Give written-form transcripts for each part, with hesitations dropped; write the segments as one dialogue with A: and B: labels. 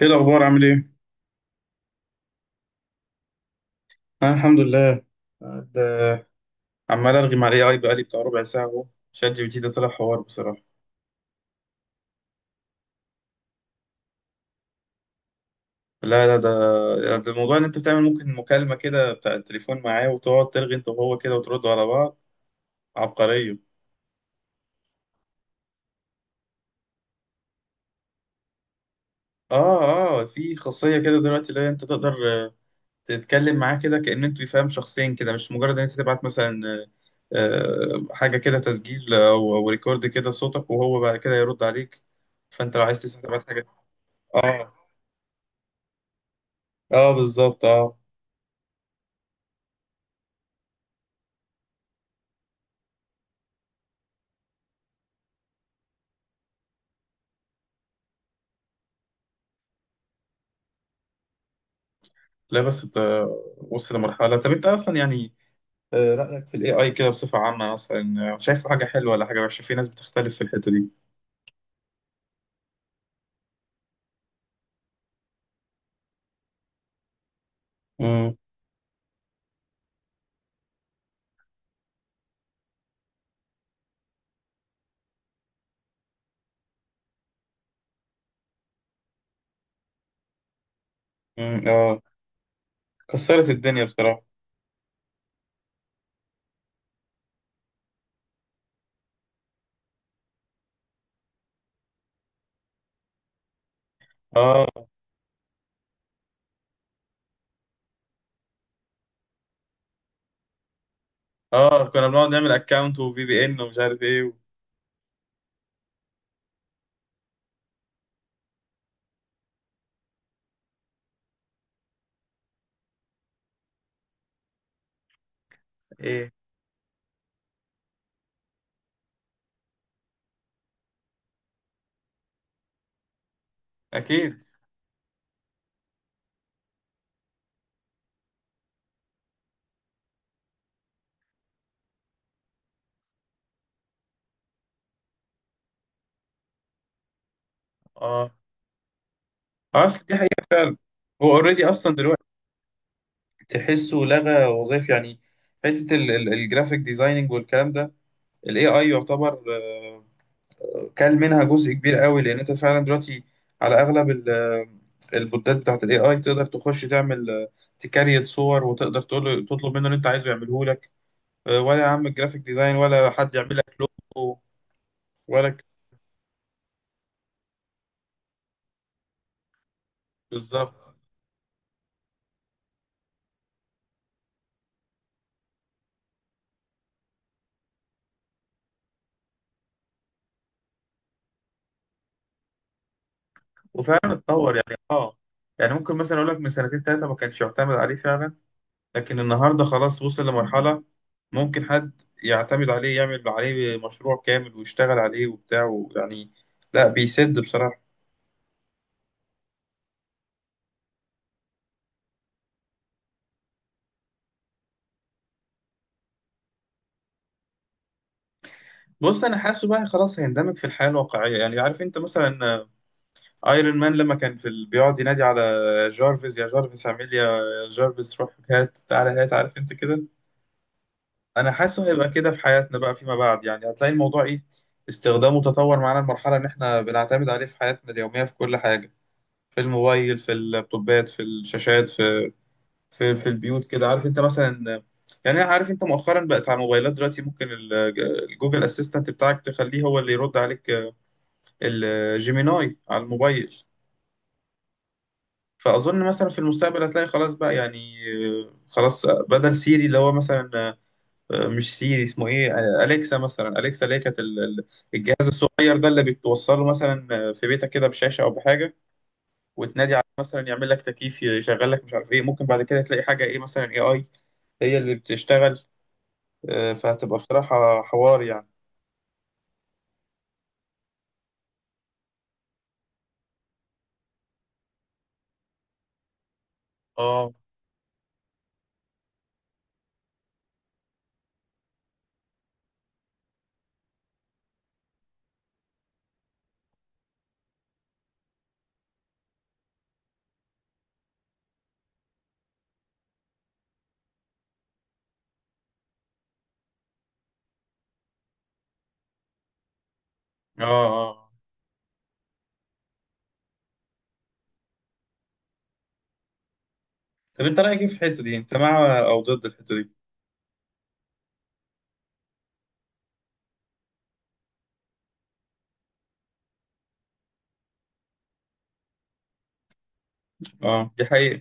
A: ايه الاخبار؟ عامل ايه؟ انا الحمد لله. ده عمال ارغي مع الاي اي بقالي بتاع ربع ساعه اهو. شات جي بي تي ده طلع حوار بصراحه. لا لا، ده موضوع ان انت بتعمل ممكن مكالمه كده بتاع التليفون معاه، وتقعد ترغي انت وهو كده وتردوا على بعض. عبقريه. اه، اه في خاصيه كده دلوقتي اللي هي انت تقدر آه، تتكلم معاه كده كأن انتوا فاهم شخصين، كده مش مجرد ان انت تبعت مثلا حاجه كده تسجيل او ريكورد كده صوتك، وهو بعد كده يرد عليك. فانت لو عايز تسمع تبعت حاجه. اه، اه بالظبط، اه. لا بس انت وصل لمرحلة. طب انت اصلا يعني رأيك في الاي اي كده بصفة عامة اصلا، شايفه حاجة حلوة ولا حاجة وحشة؟ في ناس بتختلف في الحتة دي. امم، امم، اه كسرت الدنيا بصراحة. اه، اه كنا بنقعد نعمل اكونت وفي بي ان ومش عارف ايه ايه، اكيد، اه. اصل دي حقيقة فعلا. هو اوريدي اصلا دلوقتي تحسه لغى وظائف يعني. حتة الجرافيك ديزايننج والكلام ده، الاي اي يعتبر كل منها جزء كبير قوي، لان انت فعلا دلوقتي على اغلب البوتات بتاعت الاي اي تقدر تخش تعمل تكريت صور، وتقدر تطلب منه اللي انت عايزه يعمله لك. ولا يا عم الجرافيك ديزاين، ولا حد يعمل لك لوجو ولا ك- بالظبط. وفعلا اتطور يعني، اه. يعني ممكن مثلا اقول لك من سنتين ثلاثه ما كانش يعتمد عليه فعلا، لكن النهارده خلاص وصل لمرحله ممكن حد يعتمد عليه، يعمل عليه مشروع كامل ويشتغل عليه وبتاع يعني، لا بيسد بصراحه. بص انا حاسه بقى خلاص هيندمج في الحياه الواقعيه، يعني عارف انت مثلا ايرون مان لما كان في بيقعد ينادي على جارفيس، يا جارفيس اعمل لي، يا جارفيس روح هات تعالى هات، عارف انت كده. انا حاسه هيبقى كده في حياتنا بقى فيما بعد، يعني هتلاقي الموضوع ايه، استخدامه تطور معانا المرحله ان احنا بنعتمد عليه في حياتنا اليوميه في كل حاجه، في الموبايل، في اللابتوبات، في الشاشات، في في البيوت كده. عارف انت مثلا، يعني أنا عارف انت مؤخرا بقت على الموبايلات دلوقتي ممكن الجوجل اسيستنت بتاعك تخليه هو اللي يرد عليك، الجيميناي على الموبايل. فأظن مثلا في المستقبل هتلاقي خلاص بقى يعني خلاص بدل سيري اللي هو مثلا مش سيري، اسمه ايه؟ أليكسا مثلا. أليكسا اللي هي كانت الجهاز الصغير ده اللي بتوصله مثلا في بيتك كده بشاشة أو بحاجة، وتنادي عليه مثلا يعمل لك تكييف، يشغل لك مش عارف ايه. ممكن بعد كده تلاقي حاجة ايه مثلا، اي اي هي اللي بتشتغل. فهتبقى بصراحة حوار يعني. اه، اه، اه. طب انت رأيك ايه في الحتة دي؟ انت مع او ضد الحتة دي؟ اه دي حقيقة.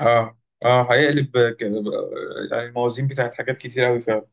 A: اه، اه هيقلب يعني الموازين بتاعت حاجات كتير قوي فعلا.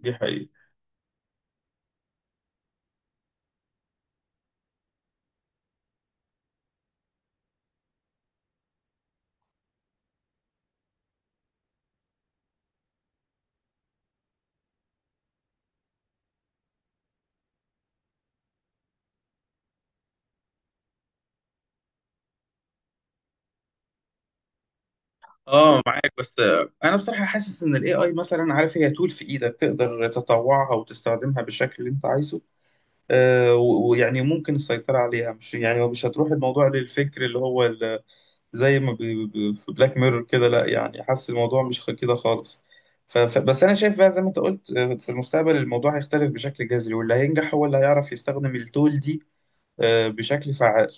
A: دي حقيقة. اه معاك. بس انا بصراحة حاسس ان الاي اي مثلا، عارف، هي تول في ايدك تقدر تطوعها وتستخدمها بالشكل اللي انت عايزه. ويعني ممكن السيطرة عليها، مش يعني هو مش هتروح الموضوع للفكر اللي هو زي ما في بلاك ميرور كده، لا يعني حاسس الموضوع مش كده خالص. بس انا شايف بقى، زي ما انت قلت، في المستقبل الموضوع هيختلف بشكل جذري، واللي هينجح هو اللي هيعرف يستخدم التول دي بشكل فعال.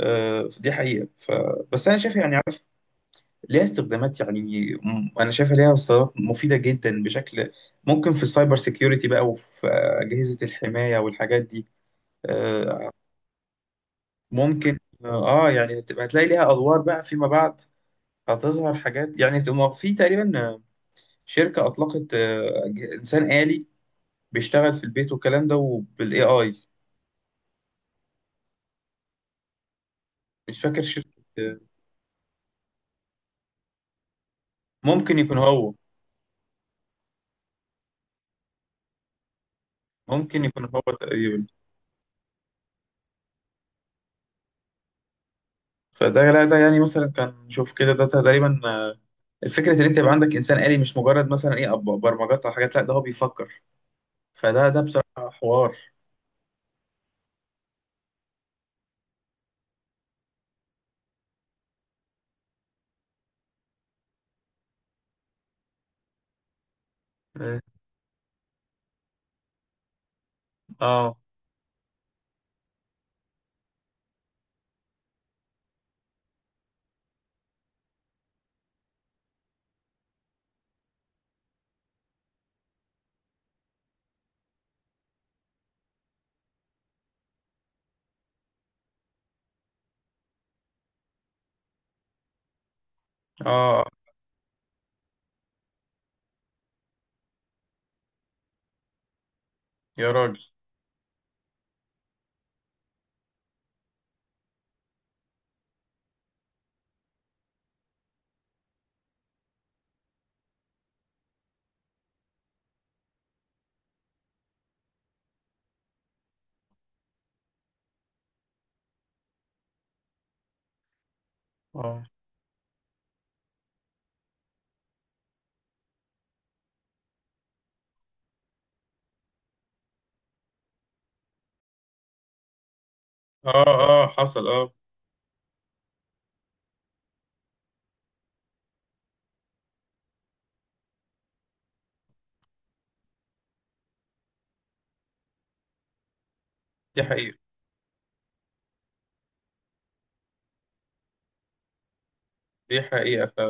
A: دي حقيقة. بس أنا شايف يعني، عارف، ليها استخدامات يعني، أنا شايفها ليها استخدامات مفيدة جدا بشكل. ممكن في السايبر سيكيورتي بقى، وفي أجهزة الحماية والحاجات دي. آه، ممكن يعني هتلاقي ليها أدوار بقى فيما بعد، هتظهر حاجات، يعني في تقريبا شركة أطلقت إنسان آلي بيشتغل في البيت والكلام ده، وبال AI. مش فاكر شركة. آه، ممكن يكون هو. تقريبا. فده، لا ده يعني مثلا كان، شوف كده، ده تقريبا الفكرة ان انت يبقى عندك انسان آلي، مش مجرد مثلا ايه برمجات او حاجات، لا ده هو بيفكر. فده بصراحة حوار. اه، اه، آه، يا راجل. اه، اه، اه حصل، اه. دي حقيقة، دي حقيقة.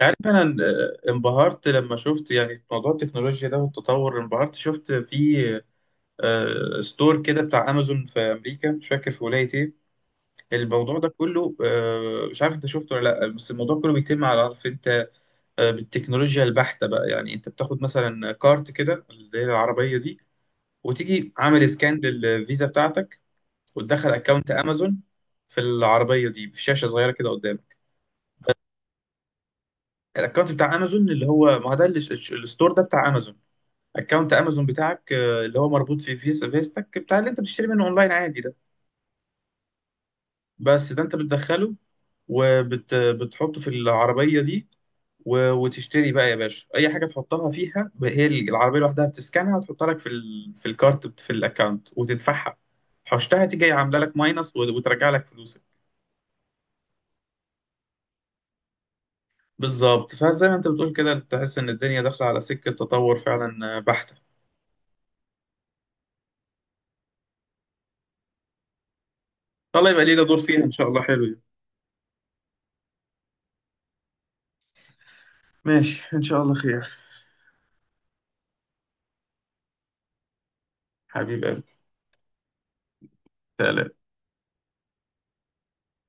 A: عارف انا انبهرت لما شفت يعني موضوع التكنولوجيا ده والتطور. انبهرت شفت في ستور كده بتاع امازون في امريكا، مش فاكر في ولاية ايه. الموضوع ده كله، مش عارف انت شفته ولا لا، بس الموضوع كله بيتم على، عارف انت، بالتكنولوجيا البحتة بقى. يعني انت بتاخد مثلا كارت كده اللي هي العربية دي، وتيجي عامل سكان للفيزا بتاعتك، وتدخل اكونت امازون في العربية دي في شاشة صغيرة كده قدامك. الاكونت بتاع امازون اللي هو، ما هو ده الستور ده بتاع امازون، اكونت امازون بتاعك اللي هو مربوط في فيزا فيزتك بتاع اللي انت بتشتري منه اونلاين عادي ده. بس ده انت بتدخله وبتحطه في العربية دي، وتشتري بقى يا باشا اي حاجه تحطها فيها. هي العربيه لوحدها بتسكنها وتحطها لك في في الكارت في الاكونت وتدفعها. حوشتها تيجي عامله لك ماينس، وترجع لك فلوسك. بالظبط. فزي ما انت بتقول كده، تحس ان الدنيا داخله على سكه تطور فعلا بحته. الله يبقى لينا دور فيها ان شاء الله، حلو يعني. ماشي، ان شاء الله خير. حبيب قلبي. سلام.